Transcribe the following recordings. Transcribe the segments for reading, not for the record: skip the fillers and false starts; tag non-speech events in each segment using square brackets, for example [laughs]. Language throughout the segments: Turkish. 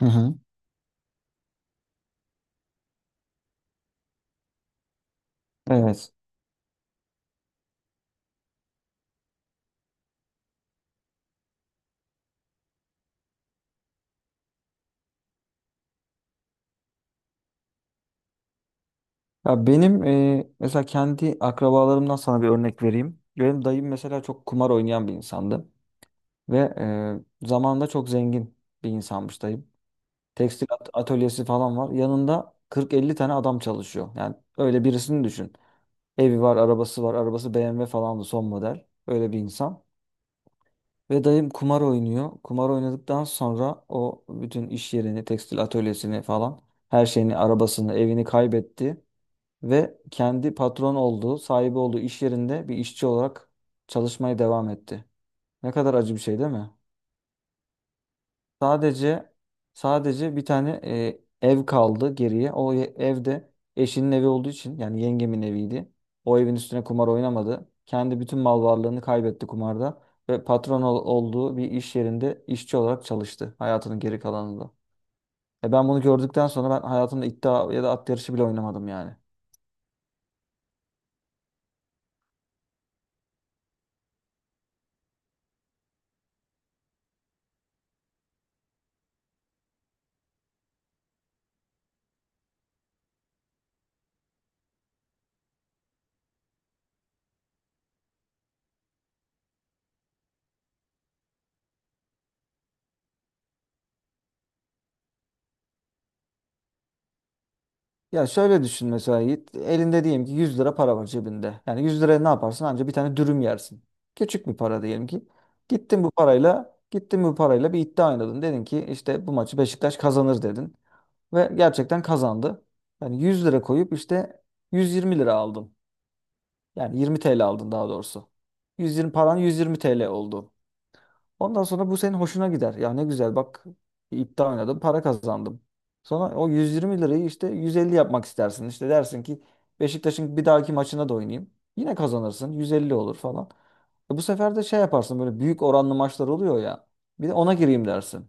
Hı hı. Evet. Ya benim, mesela kendi akrabalarımdan sana bir örnek vereyim. Benim dayım mesela çok kumar oynayan bir insandı ve zamanında çok zengin bir insanmış dayım. Tekstil atölyesi falan var. Yanında 40-50 tane adam çalışıyor. Yani öyle birisini düşün. Evi var, arabası var. Arabası BMW falandı son model. Öyle bir insan. Ve dayım kumar oynuyor. Kumar oynadıktan sonra o bütün iş yerini, tekstil atölyesini falan her şeyini, arabasını, evini kaybetti. Ve kendi patron olduğu, sahibi olduğu iş yerinde bir işçi olarak çalışmaya devam etti. Ne kadar acı bir şey değil mi? Sadece sadece bir tane ev kaldı geriye. O ev de eşinin evi olduğu için yani yengemin eviydi. O evin üstüne kumar oynamadı. Kendi bütün mal varlığını kaybetti kumarda ve patron olduğu bir iş yerinde işçi olarak çalıştı hayatının geri kalanında. Ben bunu gördükten sonra ben hayatımda iddia ya da at yarışı bile oynamadım yani. Ya şöyle düşün mesela Yiğit. Elinde diyelim ki 100 lira para var cebinde. Yani 100 liraya ne yaparsın? Anca bir tane dürüm yersin. Küçük bir para diyelim ki. Gittin bu parayla, gittin bu parayla bir iddia oynadın. Dedin ki işte bu maçı Beşiktaş kazanır dedin. Ve gerçekten kazandı. Yani 100 lira koyup işte 120 lira aldın. Yani 20 TL aldın daha doğrusu. 120 paran 120 TL oldu. Ondan sonra bu senin hoşuna gider. Ya ne güzel bak, iddia oynadım, para kazandım. Sonra o 120 lirayı işte 150 yapmak istersin. İşte dersin ki Beşiktaş'ın bir dahaki maçına da oynayayım. Yine kazanırsın. 150 olur falan. Bu sefer de şey yaparsın, böyle büyük oranlı maçlar oluyor ya. Bir de ona gireyim dersin.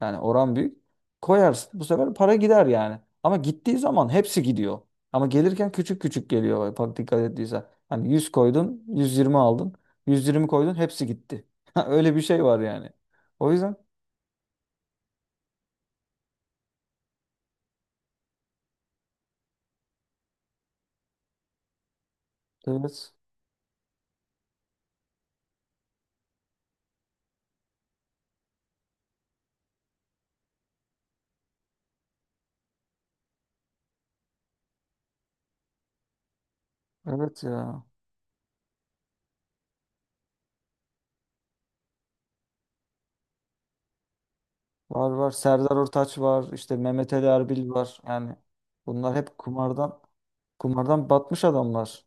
Yani oran büyük. Koyarsın. Bu sefer para gider yani. Ama gittiği zaman hepsi gidiyor. Ama gelirken küçük küçük geliyor. Bak, dikkat ettiysen. Hani 100 koydun, 120 aldın. 120 koydun, hepsi gitti. [laughs] Öyle bir şey var yani. O yüzden, evet. Evet ya. Var var. Serdar Ortaç var. İşte Mehmet Ali Erbil var. Yani bunlar hep kumardan batmış adamlar.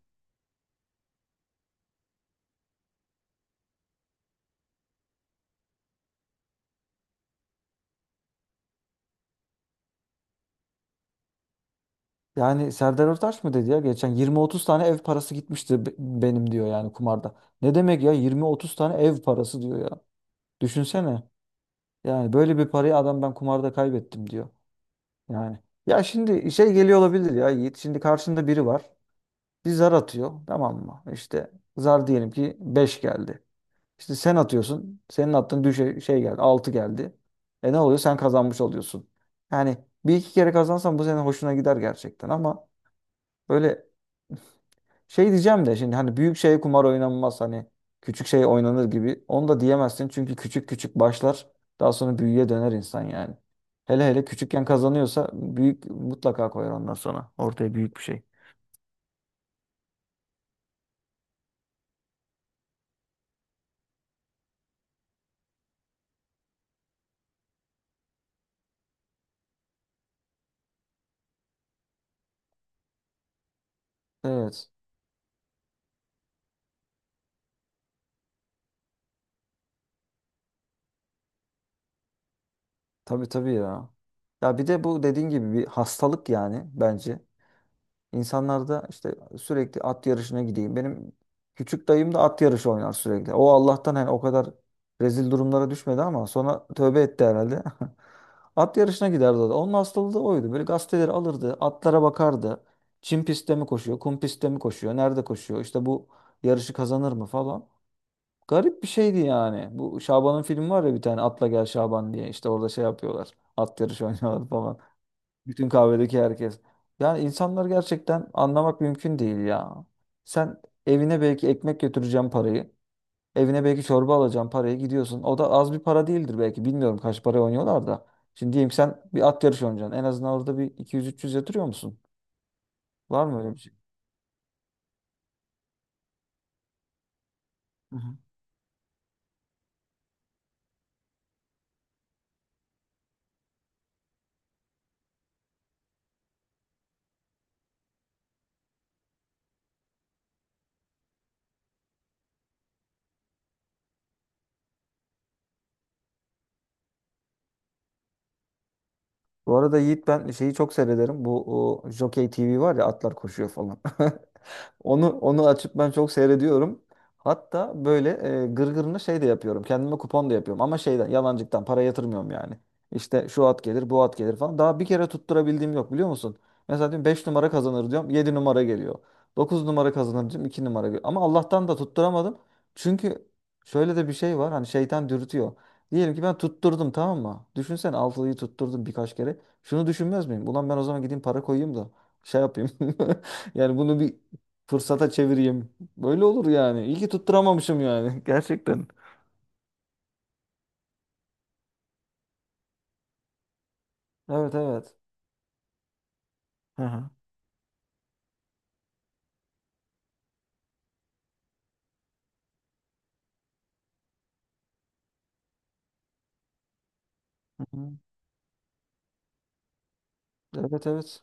Yani Serdar Ortaç mı dedi ya, geçen 20-30 tane ev parası gitmişti benim diyor yani kumarda. Ne demek ya 20-30 tane ev parası diyor ya. Düşünsene. Yani böyle bir parayı adam ben kumarda kaybettim diyor. Yani ya şimdi şey geliyor olabilir ya Yiğit. Şimdi karşında biri var. Bir zar atıyor tamam mı? İşte zar diyelim ki 5 geldi. İşte sen atıyorsun. Senin attığın düşe şey geldi, altı geldi. Ne oluyor? Sen kazanmış oluyorsun. Yani bir iki kere kazansan bu senin hoşuna gider gerçekten, ama böyle şey diyeceğim de şimdi, hani büyük şeye kumar oynanmaz, hani küçük şey oynanır gibi. Onu da diyemezsin çünkü küçük küçük başlar, daha sonra büyüye döner insan yani. Hele hele küçükken kazanıyorsa büyük mutlaka koyar ondan sonra ortaya büyük bir şey. Evet. Tabii tabii ya. Ya bir de bu dediğin gibi bir hastalık yani bence. İnsanlar da işte sürekli at yarışına gideyim. Benim küçük dayım da at yarışı oynar sürekli. O Allah'tan hani o kadar rezil durumlara düşmedi ama sonra tövbe etti herhalde. [laughs] At yarışına giderdi o da. Onun hastalığı da oydu. Böyle gazeteleri alırdı, atlara bakardı. Çim pistte mi koşuyor, kum pistte mi koşuyor, nerede koşuyor? İşte bu yarışı kazanır mı falan. Garip bir şeydi yani. Bu Şaban'ın filmi var ya, bir tane Atla Gel Şaban diye. İşte orada şey yapıyorlar. At yarışı [laughs] oynuyorlar falan. Bütün kahvedeki herkes. Yani insanlar gerçekten anlamak mümkün değil ya. Sen evine belki ekmek götüreceğim parayı. Evine belki çorba alacağım parayı gidiyorsun. O da az bir para değildir belki. Bilmiyorum kaç para oynuyorlar da. Şimdi diyeyim sen bir at yarışı oynayacaksın. En azından orada bir 200, 300 yatırıyor musun? Var mı öyle bir şey? Hı hı. Bu arada Yiğit, ben şeyi çok seyrederim. Bu Jockey TV var ya, atlar koşuyor falan. [laughs] Onu açıp ben çok seyrediyorum. Hatta böyle, gırgırını şey de yapıyorum. Kendime kupon da yapıyorum. Ama şeyden yalancıktan para yatırmıyorum yani. İşte şu at gelir, bu at gelir falan. Daha bir kere tutturabildiğim yok, biliyor musun? Mesela diyorum 5 numara kazanır diyorum. Yedi numara geliyor. Dokuz numara kazanır diyorum. İki numara geliyor. Ama Allah'tan da tutturamadım. Çünkü şöyle de bir şey var. Hani şeytan dürtüyor. Diyelim ki ben tutturdum tamam mı? Düşünsene, altılıyı tutturdum birkaç kere. Şunu düşünmez miyim? Ulan ben o zaman gideyim para koyayım da şey yapayım. [laughs] Yani bunu bir fırsata çevireyim. Böyle olur yani. İyi ki tutturamamışım yani. [laughs] Gerçekten. Evet evet. Hı hı. Hı hı. Evet evet.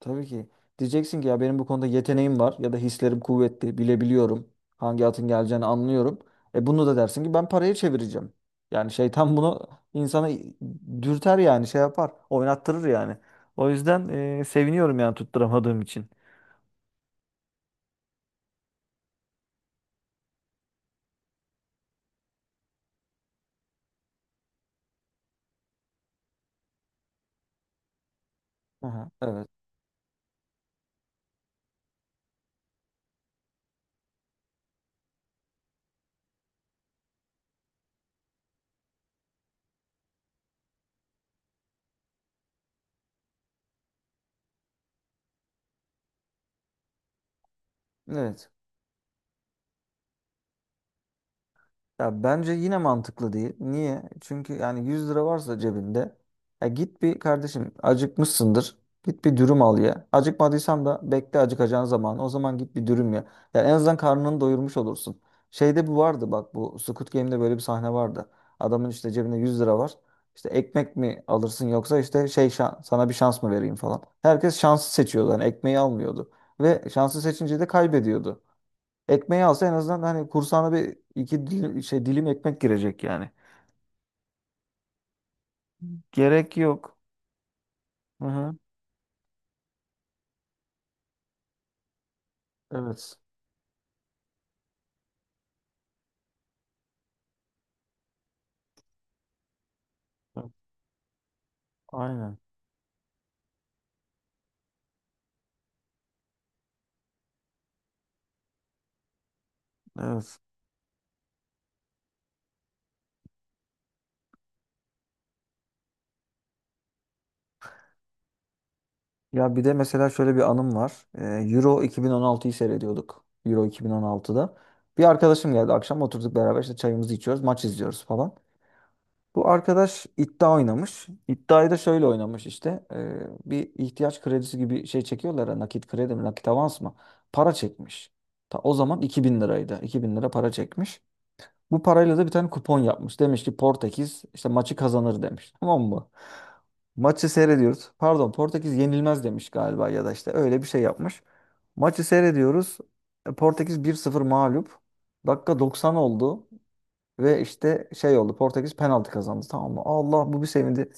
Tabii ki. Diyeceksin ki ya benim bu konuda yeteneğim var ya da hislerim kuvvetli. Bilebiliyorum. Hangi atın geleceğini anlıyorum. Bunu da dersin ki ben paraya çevireceğim. Yani şeytan bunu insana dürter yani şey yapar. Oynattırır yani. O yüzden, seviniyorum yani tutturamadığım için. Aha, evet. Evet. Ya bence yine mantıklı değil. Niye? Çünkü yani 100 lira varsa cebinde, ya git bir kardeşim, acıkmışsındır. Git bir dürüm al ye. Acıkmadıysan da bekle acıkacağın zaman. O zaman git bir dürüm ye. Ya en azından karnını doyurmuş olursun. Şeyde bu vardı bak, bu Squid Game'de böyle bir sahne vardı. Adamın işte cebinde 100 lira var. İşte ekmek mi alırsın yoksa işte şey sana bir şans mı vereyim falan. Herkes şansı seçiyordu. Yani ekmeği almıyordu. Ve şansı seçince de kaybediyordu. Ekmeği alsa en azından hani kursağına bir iki dilim, şey, dilim ekmek girecek yani. Gerek yok. Hı hı. Evet. Evet. Aynen. Evet. Ya bir de mesela şöyle bir anım var. Euro 2016'yı seyrediyorduk. Euro 2016'da. Bir arkadaşım geldi akşam oturduk beraber işte çayımızı içiyoruz, maç izliyoruz falan. Bu arkadaş iddia oynamış. İddiayı da şöyle oynamış işte. Bir ihtiyaç kredisi gibi şey çekiyorlar ya, nakit kredi mi, nakit avans mı? Para çekmiş. Ta o zaman 2000 liraydı. 2000 lira para çekmiş. Bu parayla da bir tane kupon yapmış. Demiş ki Portekiz işte maçı kazanır demiş. Tamam mı? Maçı seyrediyoruz. Pardon, Portekiz yenilmez demiş galiba, ya da işte öyle bir şey yapmış. Maçı seyrediyoruz. Portekiz 1-0 mağlup. Dakika 90 oldu ve işte şey oldu. Portekiz penaltı kazandı tamam mı? Allah bu bir sevindi.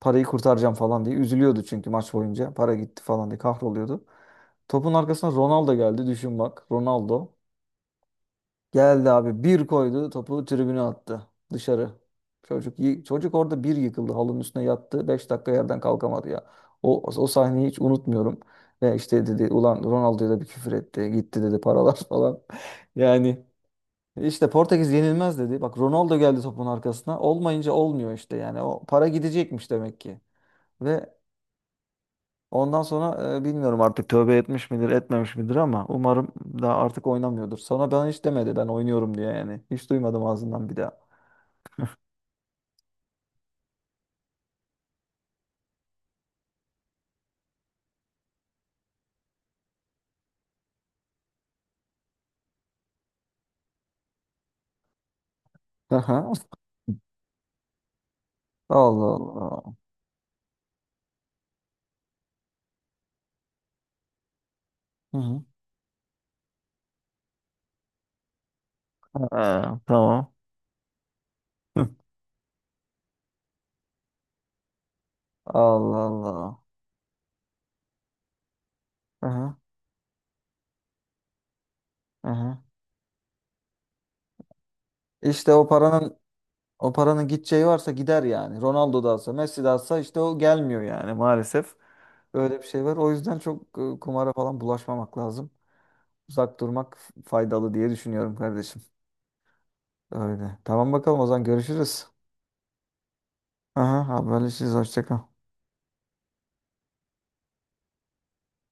Parayı kurtaracağım falan diye üzülüyordu çünkü maç boyunca. Para gitti falan diye kahroluyordu. Topun arkasına Ronaldo geldi, düşün bak. Ronaldo. Geldi abi bir koydu, topu tribüne attı dışarı. Çocuk orada bir yıkıldı, halının üstüne yattı. 5 dakika yerden kalkamadı ya. O sahneyi hiç unutmuyorum. Ve işte dedi, ulan Ronaldo'ya da bir küfür etti. Gitti dedi paralar [laughs] falan. Yani işte Portekiz yenilmez dedi. Bak Ronaldo geldi topun arkasına. Olmayınca olmuyor işte yani. O para gidecekmiş demek ki. Ve ondan sonra, bilmiyorum artık tövbe etmiş midir etmemiş midir ama umarım daha artık oynamıyordur. Sonra ben hiç demedi ben oynuyorum diye yani. Hiç duymadım ağzından bir daha. Aha. Allah Allah. Hı hı. Ha, tamam. Hı. Allah Allah. Aha, aha. İşte o paranın gideceği varsa gider yani. Ronaldo da alsa, Messi de alsa işte o gelmiyor yani, maalesef. Öyle bir şey var. O yüzden çok, kumara falan bulaşmamak lazım. Uzak durmak faydalı diye düşünüyorum kardeşim. Öyle. Tamam bakalım, o zaman görüşürüz. Aha, haberleşiriz. Hoşça kal.